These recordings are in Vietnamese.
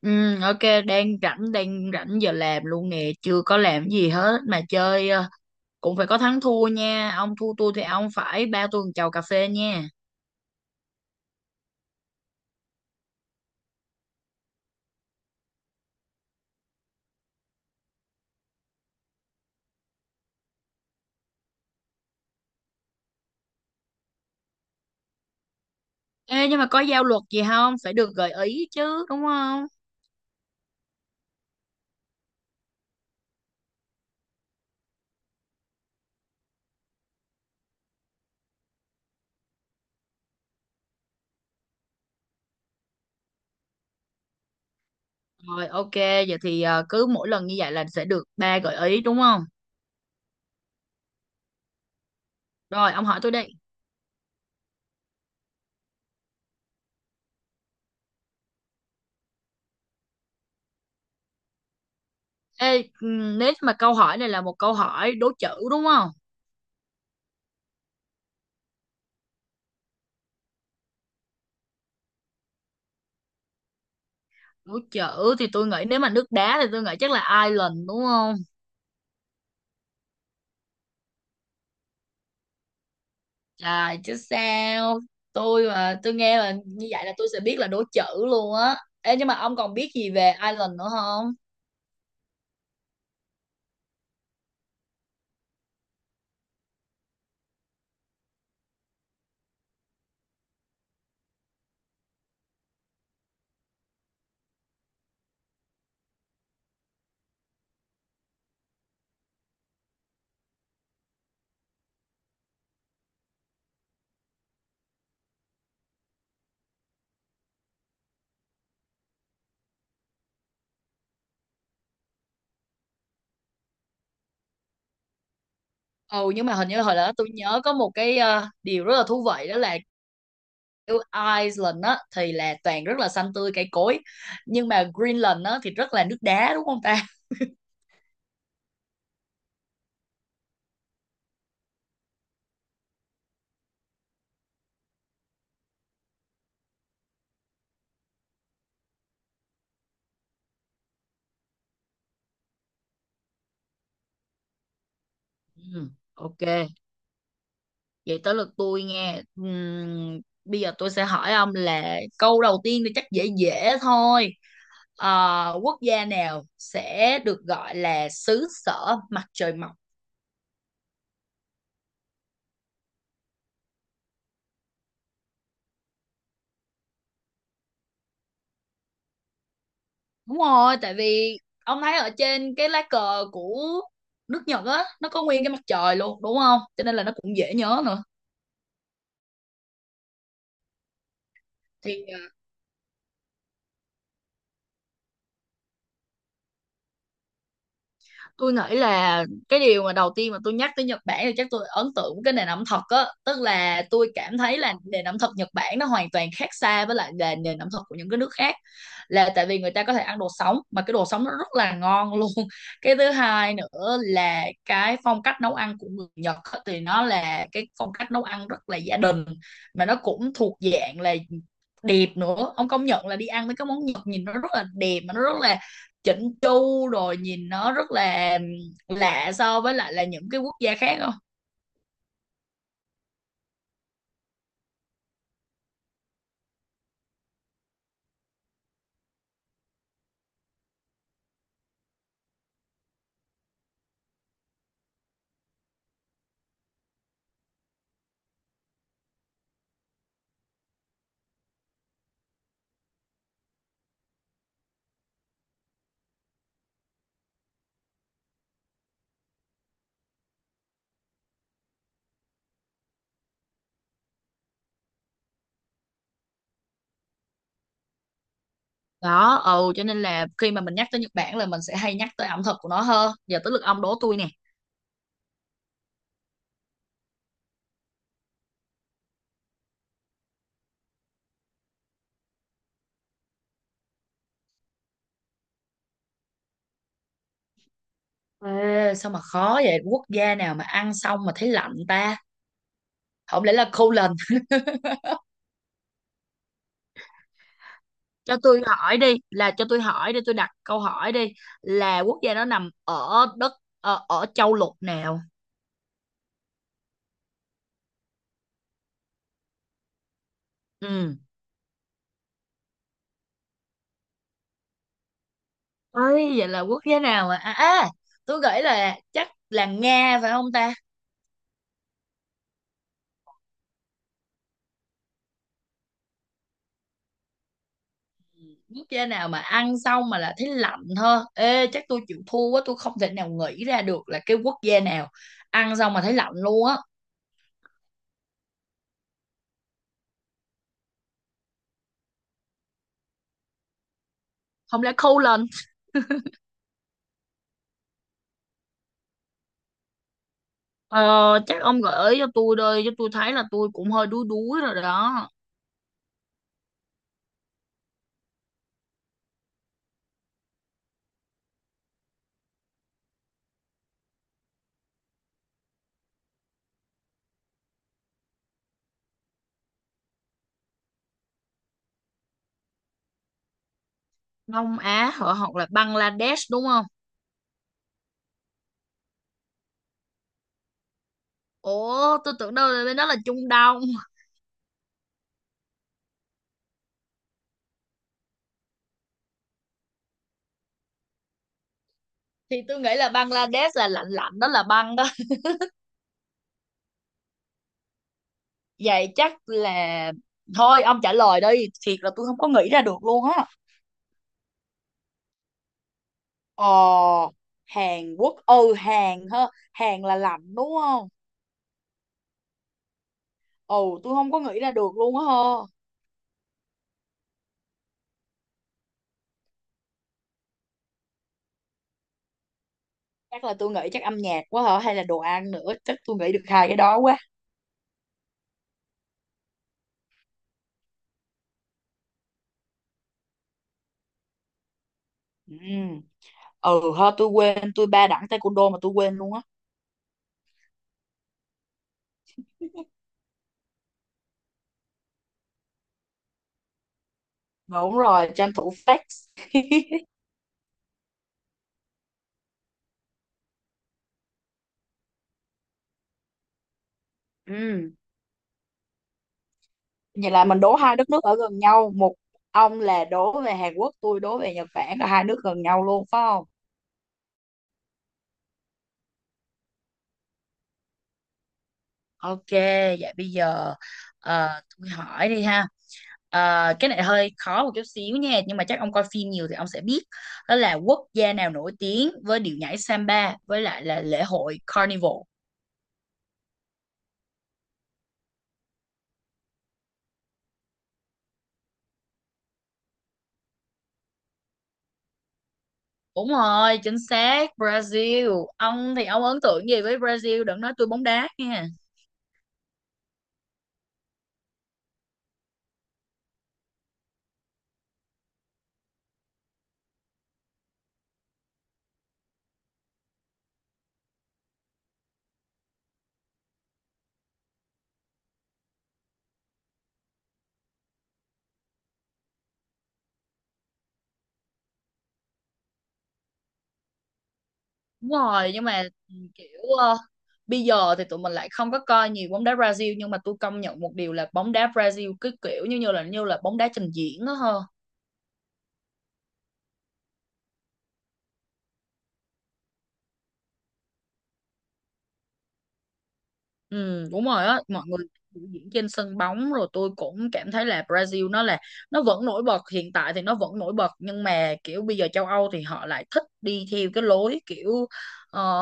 Ừ, ok, đang rảnh giờ làm luôn nè, chưa có làm gì hết mà chơi, cũng phải có thắng thua nha, ông thua tôi thì ông phải ba tôi một chầu cà phê nha. Ê, nhưng mà có giao luật gì không, phải được gợi ý chứ đúng không? Rồi, ok, vậy thì cứ mỗi lần như vậy là sẽ được ba gợi ý đúng không? Rồi, ông hỏi tôi đây. Ê, ừ, nếu mà câu hỏi này là một câu hỏi đố chữ đúng không? Đố chữ thì tôi nghĩ, nếu mà nước đá thì tôi nghĩ chắc là Ireland đúng không? Trời chứ sao. Tôi mà tôi nghe là như vậy là tôi sẽ biết là đố chữ luôn á. Ê, nhưng mà ông còn biết gì về Ireland nữa không? Ừ, nhưng mà hình như là hồi đó tôi nhớ có một cái, điều rất là thú vị đó là, kiểu, Iceland á thì là toàn rất là xanh tươi cây cối, nhưng mà Greenland á thì rất là nước đá đúng không ta? Ừ, ok, vậy tới lượt tôi nghe. Bây giờ tôi sẽ hỏi ông là câu đầu tiên thì chắc dễ dễ thôi. Quốc gia nào sẽ được gọi là xứ sở mặt trời mọc? Đúng rồi, tại vì ông thấy ở trên cái lá cờ của nước Nhật á, nó có nguyên cái mặt trời luôn đúng không, cho nên là nó cũng dễ nhớ nữa. Thì tôi nghĩ là cái điều mà đầu tiên mà tôi nhắc tới Nhật Bản thì chắc tôi ấn tượng với cái nền ẩm thực á, tức là tôi cảm thấy là nền ẩm thực Nhật Bản nó hoàn toàn khác xa với lại là nền ẩm thực của những cái nước khác. Là tại vì người ta có thể ăn đồ sống mà cái đồ sống nó rất là ngon luôn. Cái thứ hai nữa là cái phong cách nấu ăn của người Nhật á, thì nó là cái phong cách nấu ăn rất là gia đình, mà nó cũng thuộc dạng là đẹp nữa. Ông công nhận là đi ăn mấy cái món Nhật nhìn nó rất là đẹp, mà nó rất là chỉnh chu, rồi nhìn nó rất là lạ so với lại là những cái quốc gia khác không? Đó, ừ, cho nên là khi mà mình nhắc tới Nhật Bản là mình sẽ hay nhắc tới ẩm thực của nó hơn. Giờ tới lượt ông đố tôi nè. Ê, sao mà khó vậy? Quốc gia nào mà ăn xong mà thấy lạnh ta? Không lẽ là khô lần? Cho tôi hỏi đi, là cho tôi hỏi đi, tôi đặt câu hỏi đi, là quốc gia đó nằm ở đất, ở châu lục nào? Ừ. Ơi, vậy là quốc gia nào mà, tôi nghĩ là chắc là Nga phải không ta? Quốc gia nào mà ăn xong mà là thấy lạnh thôi, ê chắc tôi chịu thua quá, tôi không thể nào nghĩ ra được là cái quốc gia nào ăn xong mà thấy lạnh luôn á. Không lẽ khâu lên. Ờ, chắc ông gợi ý cho tôi đây cho tôi thấy là tôi cũng hơi đuối đuối rồi đó. Đông Á hả? Hoặc là Bangladesh đúng không? Ủa tôi tưởng đâu là bên đó là Trung Đông. Thì tôi nghĩ là Bangladesh là lạnh lạnh đó, là băng đó. Vậy chắc là thôi, ông trả lời đi, thiệt là tôi không có nghĩ ra được luôn á. Ờ, Hàn Quốc. Ừ, Hàn ha. Hàn là lạnh đúng không? Ừ, tôi không có nghĩ ra được luôn á ha. Chắc là tôi nghĩ chắc âm nhạc quá hả? Hay là đồ ăn nữa. Chắc tôi nghĩ được hai cái đó quá. Ừ, ừ ha, tôi quên. Tôi ba đẳng taekwondo mà tôi quên luôn á. Đúng rồi, tranh thủ flex. Ừ, vậy là mình đố hai đất nước ở gần nhau. Một ông là đố về Hàn Quốc, tôi đố về Nhật Bản. Là hai nước gần nhau luôn, phải không? Ok, vậy bây giờ, ờ, tôi hỏi đi ha. Ờ, cái này hơi khó một chút xíu nha, nhưng mà chắc ông coi phim nhiều thì ông sẽ biết đó là quốc gia nào nổi tiếng với điệu nhảy samba với lại là lễ hội Carnival. Đúng rồi, chính xác Brazil. Ông thì ông ấn tượng gì với Brazil? Đừng nói tôi bóng đá nha. Đúng rồi, nhưng mà kiểu, ờ, bây giờ thì tụi mình lại không có coi nhiều bóng đá Brazil, nhưng mà tôi công nhận một điều là bóng đá Brazil cứ kiểu như như là bóng đá trình diễn đó ha. Ừ, đúng rồi á, mọi người biểu diễn trên sân bóng, rồi tôi cũng cảm thấy là Brazil nó là, nó vẫn nổi bật. Hiện tại thì nó vẫn nổi bật, nhưng mà kiểu bây giờ châu Âu thì họ lại thích đi theo cái lối kiểu, ờ,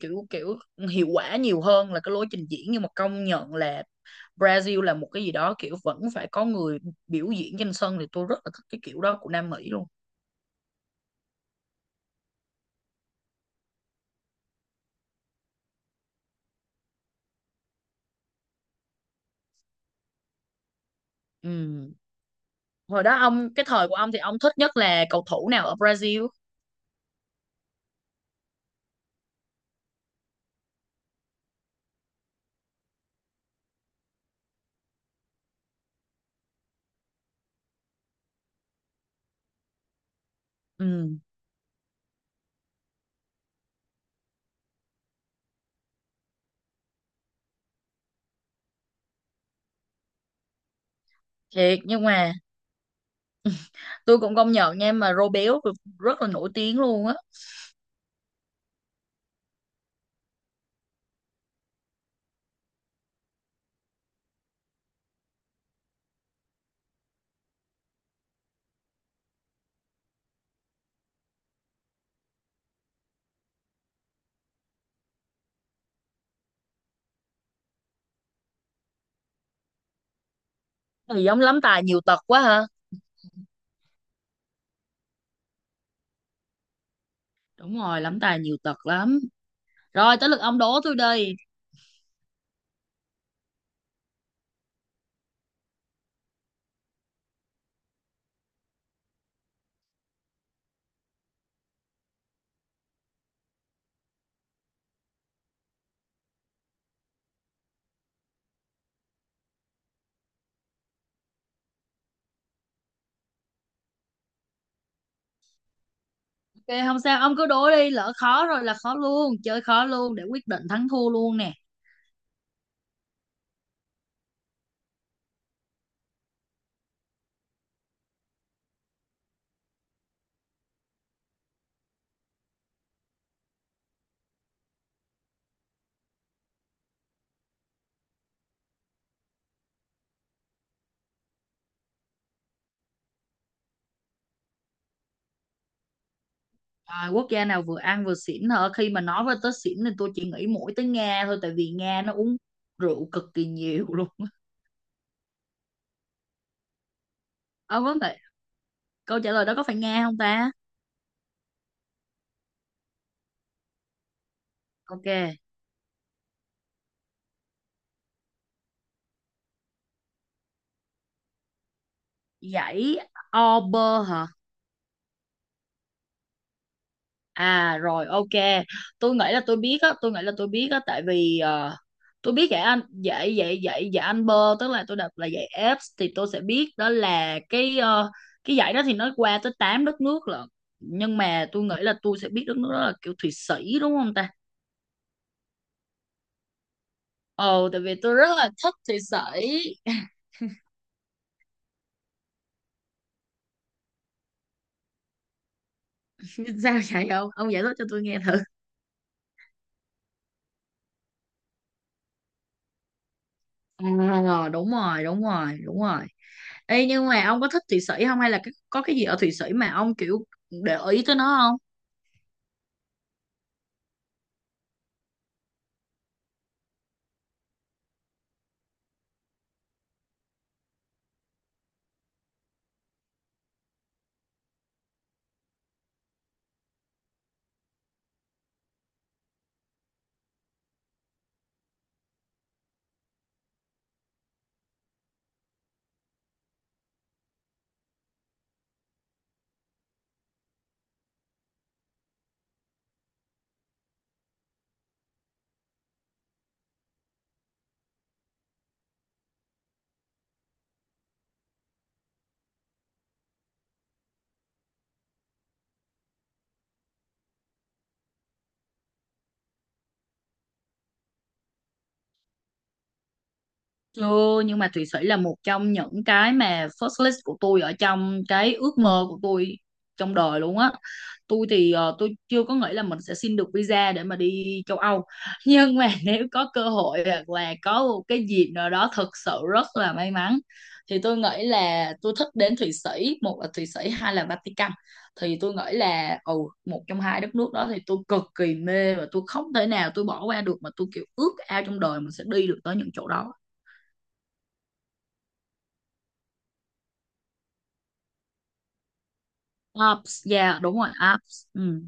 kiểu hiệu quả nhiều hơn là cái lối trình diễn, nhưng mà công nhận là Brazil là một cái gì đó kiểu vẫn phải có người biểu diễn trên sân, thì tôi rất là thích cái kiểu đó của Nam Mỹ luôn. Ừ. Hồi đó ông cái thời của ông thì ông thích nhất là cầu thủ nào ở Brazil? Ừ. Thiệt nhưng mà tôi cũng công nhận nha, mà rô béo rất là nổi tiếng luôn á. Thì giống lắm tài nhiều tật quá ha. Đúng rồi, lắm tài nhiều tật lắm. Rồi tới lượt ông đố tôi đi. Ok, không sao, ông cứ đố đi, lỡ khó rồi là khó luôn, chơi khó luôn để quyết định thắng thua luôn nè. Rồi, quốc gia nào vừa ăn vừa xỉn hả? Khi mà nói với tới xỉn thì tôi chỉ nghĩ mỗi tới Nga thôi, tại vì Nga nó uống rượu cực kỳ nhiều luôn. Ông có thể, câu trả lời đó có phải Nga không ta? Ok, dãy Ober hả? À rồi ok, tôi nghĩ là tôi biết á, tôi nghĩ là tôi biết á tại vì tôi biết dạy anh dạy dạy dạy dạy anh bơ, tức là tôi đọc là dạy ép thì tôi sẽ biết đó là cái, cái dạy đó thì nó qua tới 8 đất nước lận. Nhưng mà tôi nghĩ là tôi sẽ biết đất nước đó là kiểu Thụy Sĩ đúng không ta? Ồ tại vì tôi rất là thích Thụy Sĩ. Sao vậy ông? Ông giải thích cho tôi nghe thử. À, đúng rồi, đúng rồi, đúng rồi. Ê, nhưng mà ông có thích Thụy Sĩ không, hay là có cái gì ở Thụy Sĩ mà ông kiểu để ý tới nó? Chưa, nhưng mà Thụy Sĩ là một trong những cái mà first list của tôi ở trong cái ước mơ của tôi trong đời luôn á. Tôi thì, tôi chưa có nghĩ là mình sẽ xin được visa để mà đi châu Âu. Nhưng mà nếu có cơ hội hoặc là có một cái dịp nào đó thật sự rất là may mắn thì tôi nghĩ là tôi thích đến Thụy Sĩ, một là Thụy Sĩ, hai là Vatican. Thì tôi nghĩ là ừ, một trong hai đất nước đó thì tôi cực kỳ mê, và tôi không thể nào tôi bỏ qua được, mà tôi kiểu ước ao trong đời mình sẽ đi được tới những chỗ đó. Ops, yeah, đúng rồi. Ops. Ừ.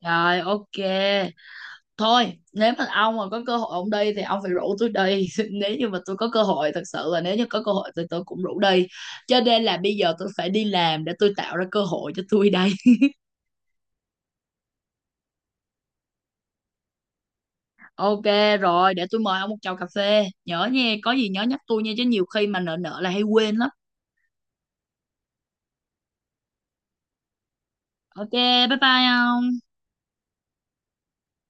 Rồi, ok. Thôi, nếu mà ông mà có cơ hội ông đi thì ông phải rủ tôi đi. Nếu như mà tôi có cơ hội, thật sự là nếu như có cơ hội thì tôi cũng rủ đi. Cho nên là bây giờ tôi phải đi làm để tôi tạo ra cơ hội cho tôi đây. Ok rồi, để tôi mời ông một chầu cà phê. Nhớ nha, có gì nhớ nhắc tôi nha, chứ nhiều khi mà nợ nợ là hay quên lắm. Ok, bye bye ông.